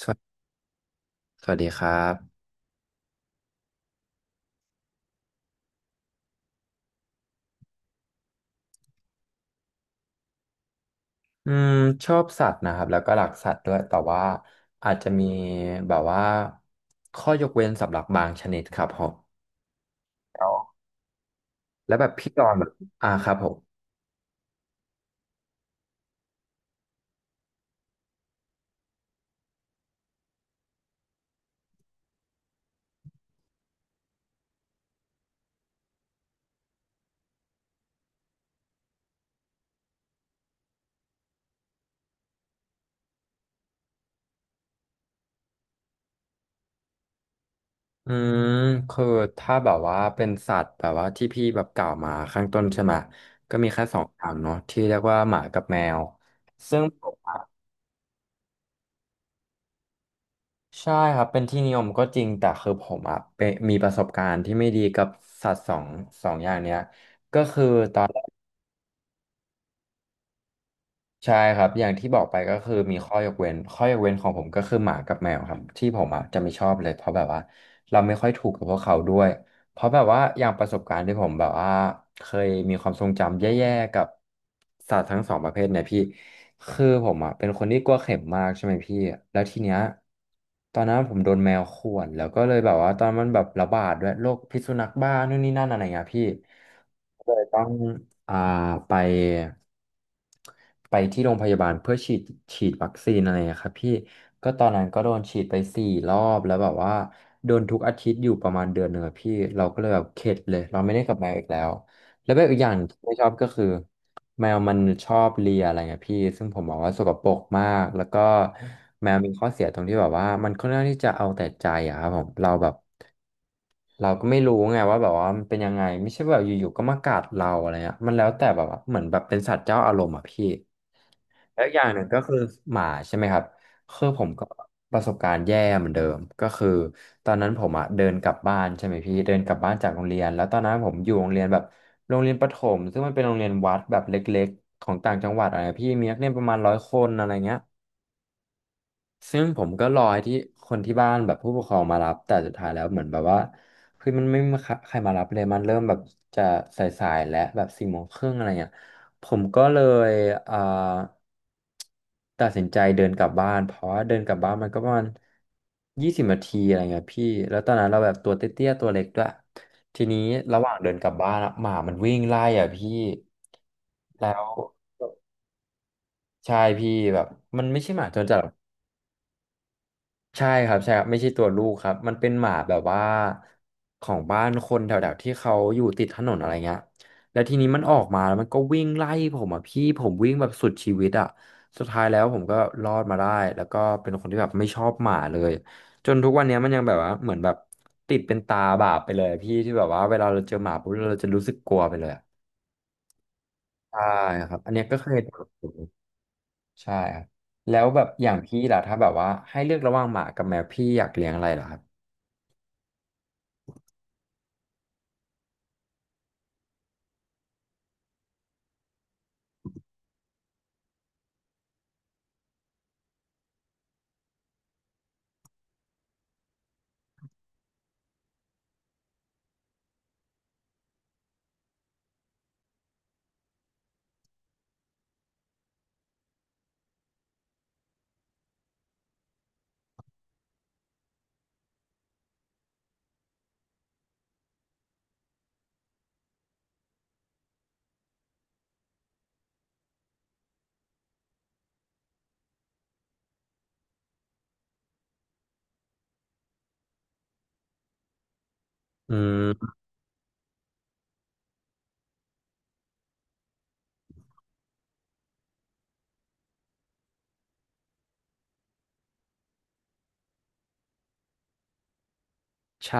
สวัสสวัสดีครับอืมชอบสัตว์นะครับแล้วก็รักสัตว์ด้วยแต่ว่าอาจจะมีแบบว่าข้อยกเว้นสำหรับบางชนิดครับผมอ๋อแล้วแบบพี่จอนแบบครับผมอืมคือถ้าแบบว่าเป็นสัตว์แบบว่าที่พี่แบบกล่าวมาข้างต้นใช่ไหมก็มีแค่สองอย่างเนาะที่เรียกว่าหมากับแมวซึ่งใช่ครับเป็นที่นิยมก็จริงแต่คือผมอ่ะเป็นมีประสบการณ์ที่ไม่ดีกับสัตว์สองอย่างเนี้ยก็คือ ใช่ครับอย่างที่บอกไปก็คือมีข้อยกเว้นข้อยกเว้นของผมก็คือหมากับแมวครับที่ผมอ่ะจะไม่ชอบเลยเพราะแบบว่าเราไม่ค่อยถูกกับพวกเขาด้วยเพราะแบบว่าอย่างประสบการณ์ที่ผมแบบว่าเคยมีความทรงจำแย่ๆกับสัตว์ทั้งสองประเภทเนี่ยพี่คือผมอ่ะเป็นคนที่กลัวเข็มมากใช่ไหมพี่แล้วทีเนี้ยตอนนั้นผมโดนแมวข่วนแล้วก็เลยแบบว่าตอนมันแบบระบาดด้วยโรคพิษสุนัขบ้านู่นนี่นั่นอะไรเงี้ยพี่เลยต้องอ่าไป ไปที่โรงพยาบาลเพื่อฉีดวัคซีนอะไรอะครับพี่ก็ตอนนั้นก็โดนฉีดไป4 รอบแล้วแบบว่าโดนทุกอาทิตย์อยู่ประมาณ1 เดือนอะพี่เราก็เลยแบบเข็ดเลยเราไม่ได้กลับมาอีกแล้วแล้วแบบอีกอย่างที่ไม่ชอบก็คือแมวมันชอบเลียอะไรเงี้ยพี่ซึ่งผมมองว่าสกปรกมากแล้วก็แมวมีข้อเสียตรงที่แบบว่ามันค่อนข้างที่จะเอาแต่ใจอะครับผมเราแบบเราก็ไม่รู้ไงว่าแบบว่ามันเป็นยังไงไม่ใช่ว่าแบบอยู่ๆก็มากัดเราอะไรเงี้ยมันแล้วแต่แบบว่าเหมือนแบบเป็นสัตว์เจ้าอารมณ์อะพี่ แล้วอย่างหนึ่งก็คือหมาใช่ไหมครับคือผมก็ประสบการณ์แย่เหมือนเดิมก็คือตอนนั้นผมอ่ะเดินกลับบ้านใช่ไหมพี่เดินกลับบ้านจากโรงเรียนแล้วตอนนั้นผมอยู่โรงเรียนแบบโรงเรียนประถมซึ่งมันเป็นโรงเรียนวัดแบบเล็กๆของต่างจังหวัดอะไรพี่มีนักเรียนประมาณ100 คนอะไรเงี้ยซึ่งผมก็รอให้ที่คนที่บ้านแบบผู้ปกครองมารับแต่สุดท้ายแล้วเหมือนแบบว่าคือมันไม่มีใครมารับเลยมันเริ่มแบบจะสายๆและแบบสี่โมงครึ่งอะไรเงี้ยผมก็เลยอ่า ตัดสินใจเดินกลับบ้านเพราะว่าเดินกลับบ้านมันก็ประมาณ20 นาทีอะไรเงี้ยพี่แล้วตอนนั้นเราแบบตัวเตี้ยๆตัวเล็กด้วยทีนี้ระหว่างเดินกลับบ้านอะหมามันวิ่งไล่อ่ะพี่แล้วใช่พี่แบบมันไม่ใช่หมาจรจัดหรอก ใช่ครับใช่ครับไม่ใช่ตัวลูกครับมันเป็นหมาแบบว่าของบ้านคนแถวๆที่เขาอยู่ติดถนนอะไรเงี้ยแล้วทีนี้มันออกมาแล้วมันก็วิ่งไล่ผมอ่ะพี่ผมวิ่งแบบสุดชีวิตอ่ะสุดท้ายแล้วผมก็รอดมาได้แล้วก็เป็นคนที่แบบไม่ชอบหมาเลยจนทุกวันเนี้ยมันยังแบบว่าเหมือนแบบติดเป็นตาบาปไปเลยอะพี่ที่แบบว่าเวลาเราเจอหมาปุ๊บเราจะรู้สึกกลัวไปเลยอะใช่ครับอันเนี้ยก็เคยเจอใช่ครับแล้วแบบอย่างพี่ล่ะถ้าแบบว่าให้เลือกระหว่างหมากับแมวพี่อยากเลี้ยงอะไรเหรอครับ อืมใช่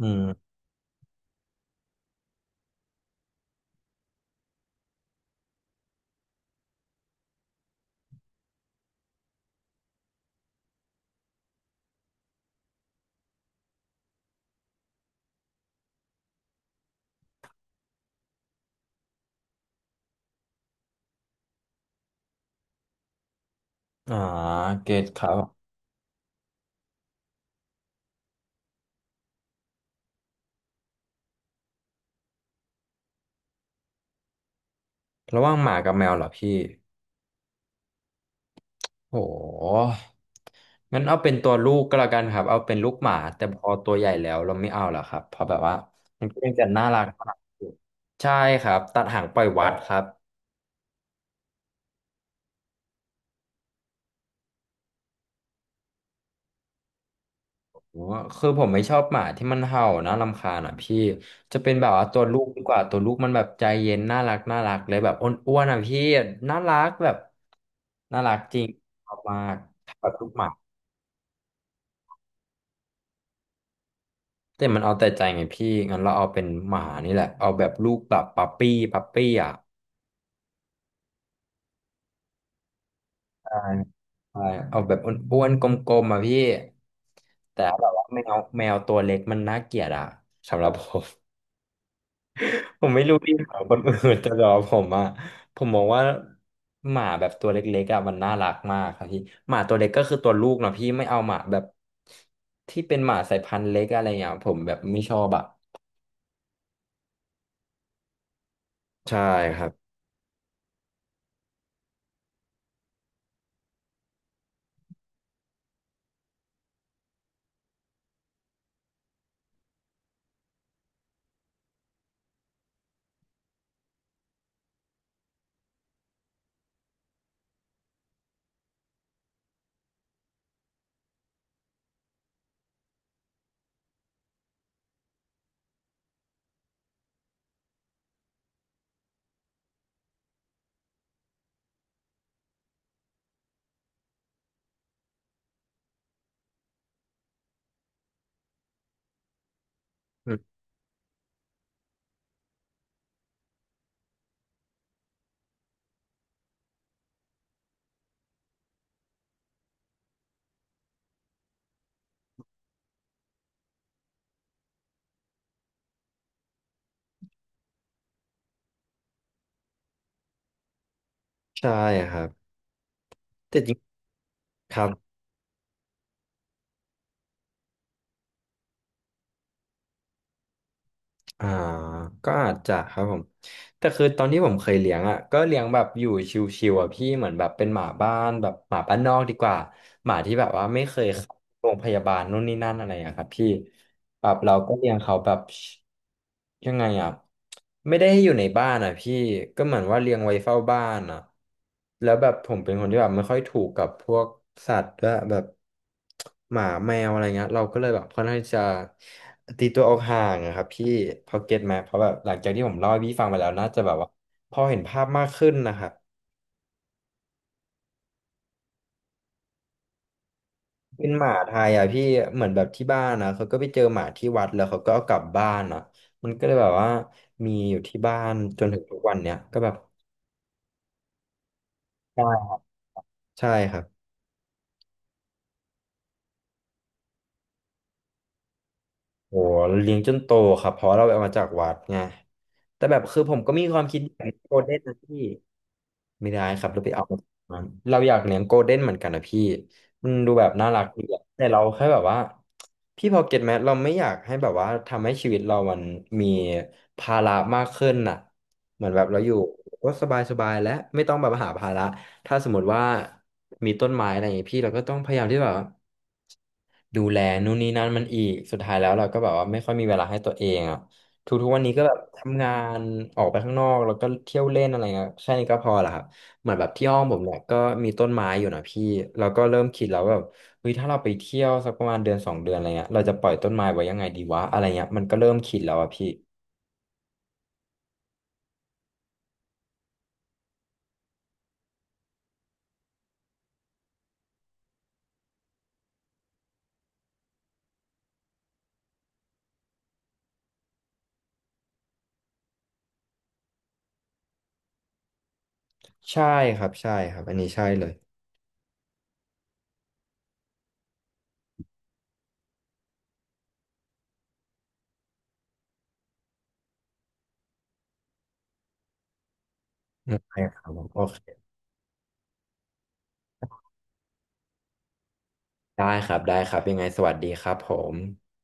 อืมอ่าเกตครับระหว่างหมากับแมวเหรอพี่โหงั้นเอาเป็นตัวลูกก็แล้วกันครับเอาเป็นลูกหมาแต่พอตัวใหญ่แล้วเราไม่เอาหรอกครับเพราะแบบว่ามันก็ยังจะน่ารักอยู่ใช่ครับตัดหางปล่อยวัดครับโหคือผมไม่ชอบหมาที่มันเห่านะรำคาญอ่ะพี่จะเป็นแบบว่าตัวลูกดีกว่าตัวลูกมันแบบใจเย็นน่ารักน่ารักเลยแบบอ้วนๆอ่ะพี่น่ารักแบบน่ารักจริงชอบมากแบบลูกหมา แต่มันเอาแต่ใจไงพี่งั้นเราเอาเป็นหมานี่แหละเอาแบบลูกแบบปั๊ปปี้ปั๊ปปี้อ่ะใช่ใช่เอาแบบอ้วนๆกลมๆอ่ะพี่แต่แบบว่าแมวตัวเล็กมันน่าเกลียดอ่ะสำหรับผม ผมไม่รู้ดีของคนอื่นแต่สำหรับผมอ่ะผมมองว่าหมาแบบตัวเล็กๆอ่ะมันน่ารักมากครับพี่หมาตัวเล็กก็คือตัวลูกเนาะพี่ไม่เอาหมาแบบที่เป็นหมาสายพันธุ์เล็กอะไรอย่างเงี้ยผมแบบไม่ชอบอ่ะใช่ครับอืมใช่ครับแต่จริงครับ อ่าก็อาจจะครับผมแต่คือตอนที่ผมเคยเลี้ยงอ่ะก็เลี้ยงแบบอยู่ชิวๆอ่ะพี่เหมือนแบบเป็นหมาบ้านแบบหมาบ้านนอกดีกว่าหมาที่แบบว่าไม่เคยเข้าโรงพยาบาลนู่นนี่นั่นอะไรอ่ะครับพี่แบบเราก็เลี้ยงเขาแบบยังไงอ่ะไม่ได้ให้อยู่ในบ้านอ่ะพี่ก็เหมือนว่าเลี้ยงไว้เฝ้าบ้านอ่ะแล้วแบบผมเป็นคนที่แบบไม่ค่อยถูกกับพวกสัตว์ด้วยแบบ หมาแมวอะไรเงี้ยเราก็เลยแบบค่อนข้างที่จะตีตัวออกห่างอะครับพี่พอเก็ตไหมเพราะแบบหลังจากที่ผมเล่าให้พี่ฟังไปแล้วน่าจะแบบว่าพอเห็นภาพมากขึ้นนะครับเป็นหมาไทยอ่ะพี่เหมือนแบบที่บ้านนะเขาก็ไปเจอหมาที่วัดแล้วเขาก็เอากลับบ้านอ่ะมันก็เลยแบบว่ามีอยู่ที่บ้านจนถึงทุกวันเนี้ยก็แบบใช่ใช่ครับโอ้เลี้ยงจนโตครับเพราะเราเอามาจากวัดไงแต่แบบคือผมก็มีความคิดแบบโกลเด้นนะพี่ ไม่ได้ครับเราไปเอามาเราอยากเลี้ยงโกลเด้นเหมือนกันนะพี่มันดูแบบน่ารักดีอะแต่เราแค่แบบว่าพี่พอเก็ตไหมเราไม่อยากให้แบบว่าทำให้ชีวิตเรามันมีภาระมากขึ้นน่ะเหมือนแบบเราอยู่ก็สบายและไม่ต้องแบบหาภาระถ้าสมมติว่ามีต้นไม้อะไรอย่างงี้พี่เราก็ต้องพยายามที่แบบว่าดูแลนู่นนี่นั่นมันอีกสุดท้ายแล้วเราก็แบบว่าไม่ค่อยมีเวลาให้ตัวเองอ่ะทุกๆวันนี้ก็แบบทำงานออกไปข้างนอกแล้วก็เที่ยวเล่นอะไรเงี้ยแค่นี้ก็พอละครับ เหมือนแบบที่ห้องผมเนี่ยก็มีต้นไม้อยู่นะพี่เราก็เริ่มคิดแล้วแบบเฮ้ยถ้าเราไปเที่ยวสักประมาณเดือนสองเดือนอะไรเงี้ยเราจะปล่อยต้นไม้ไว้ยังไงดีวะอะไรเงี้ยมันก็เริ่มคิดแล้วอะพี่ใช่ครับใช่ครับอันนี้ใช่เลยอืมใช่ครับผมโอเคได้ครับได้ครับยังไงสวัสดีครับผม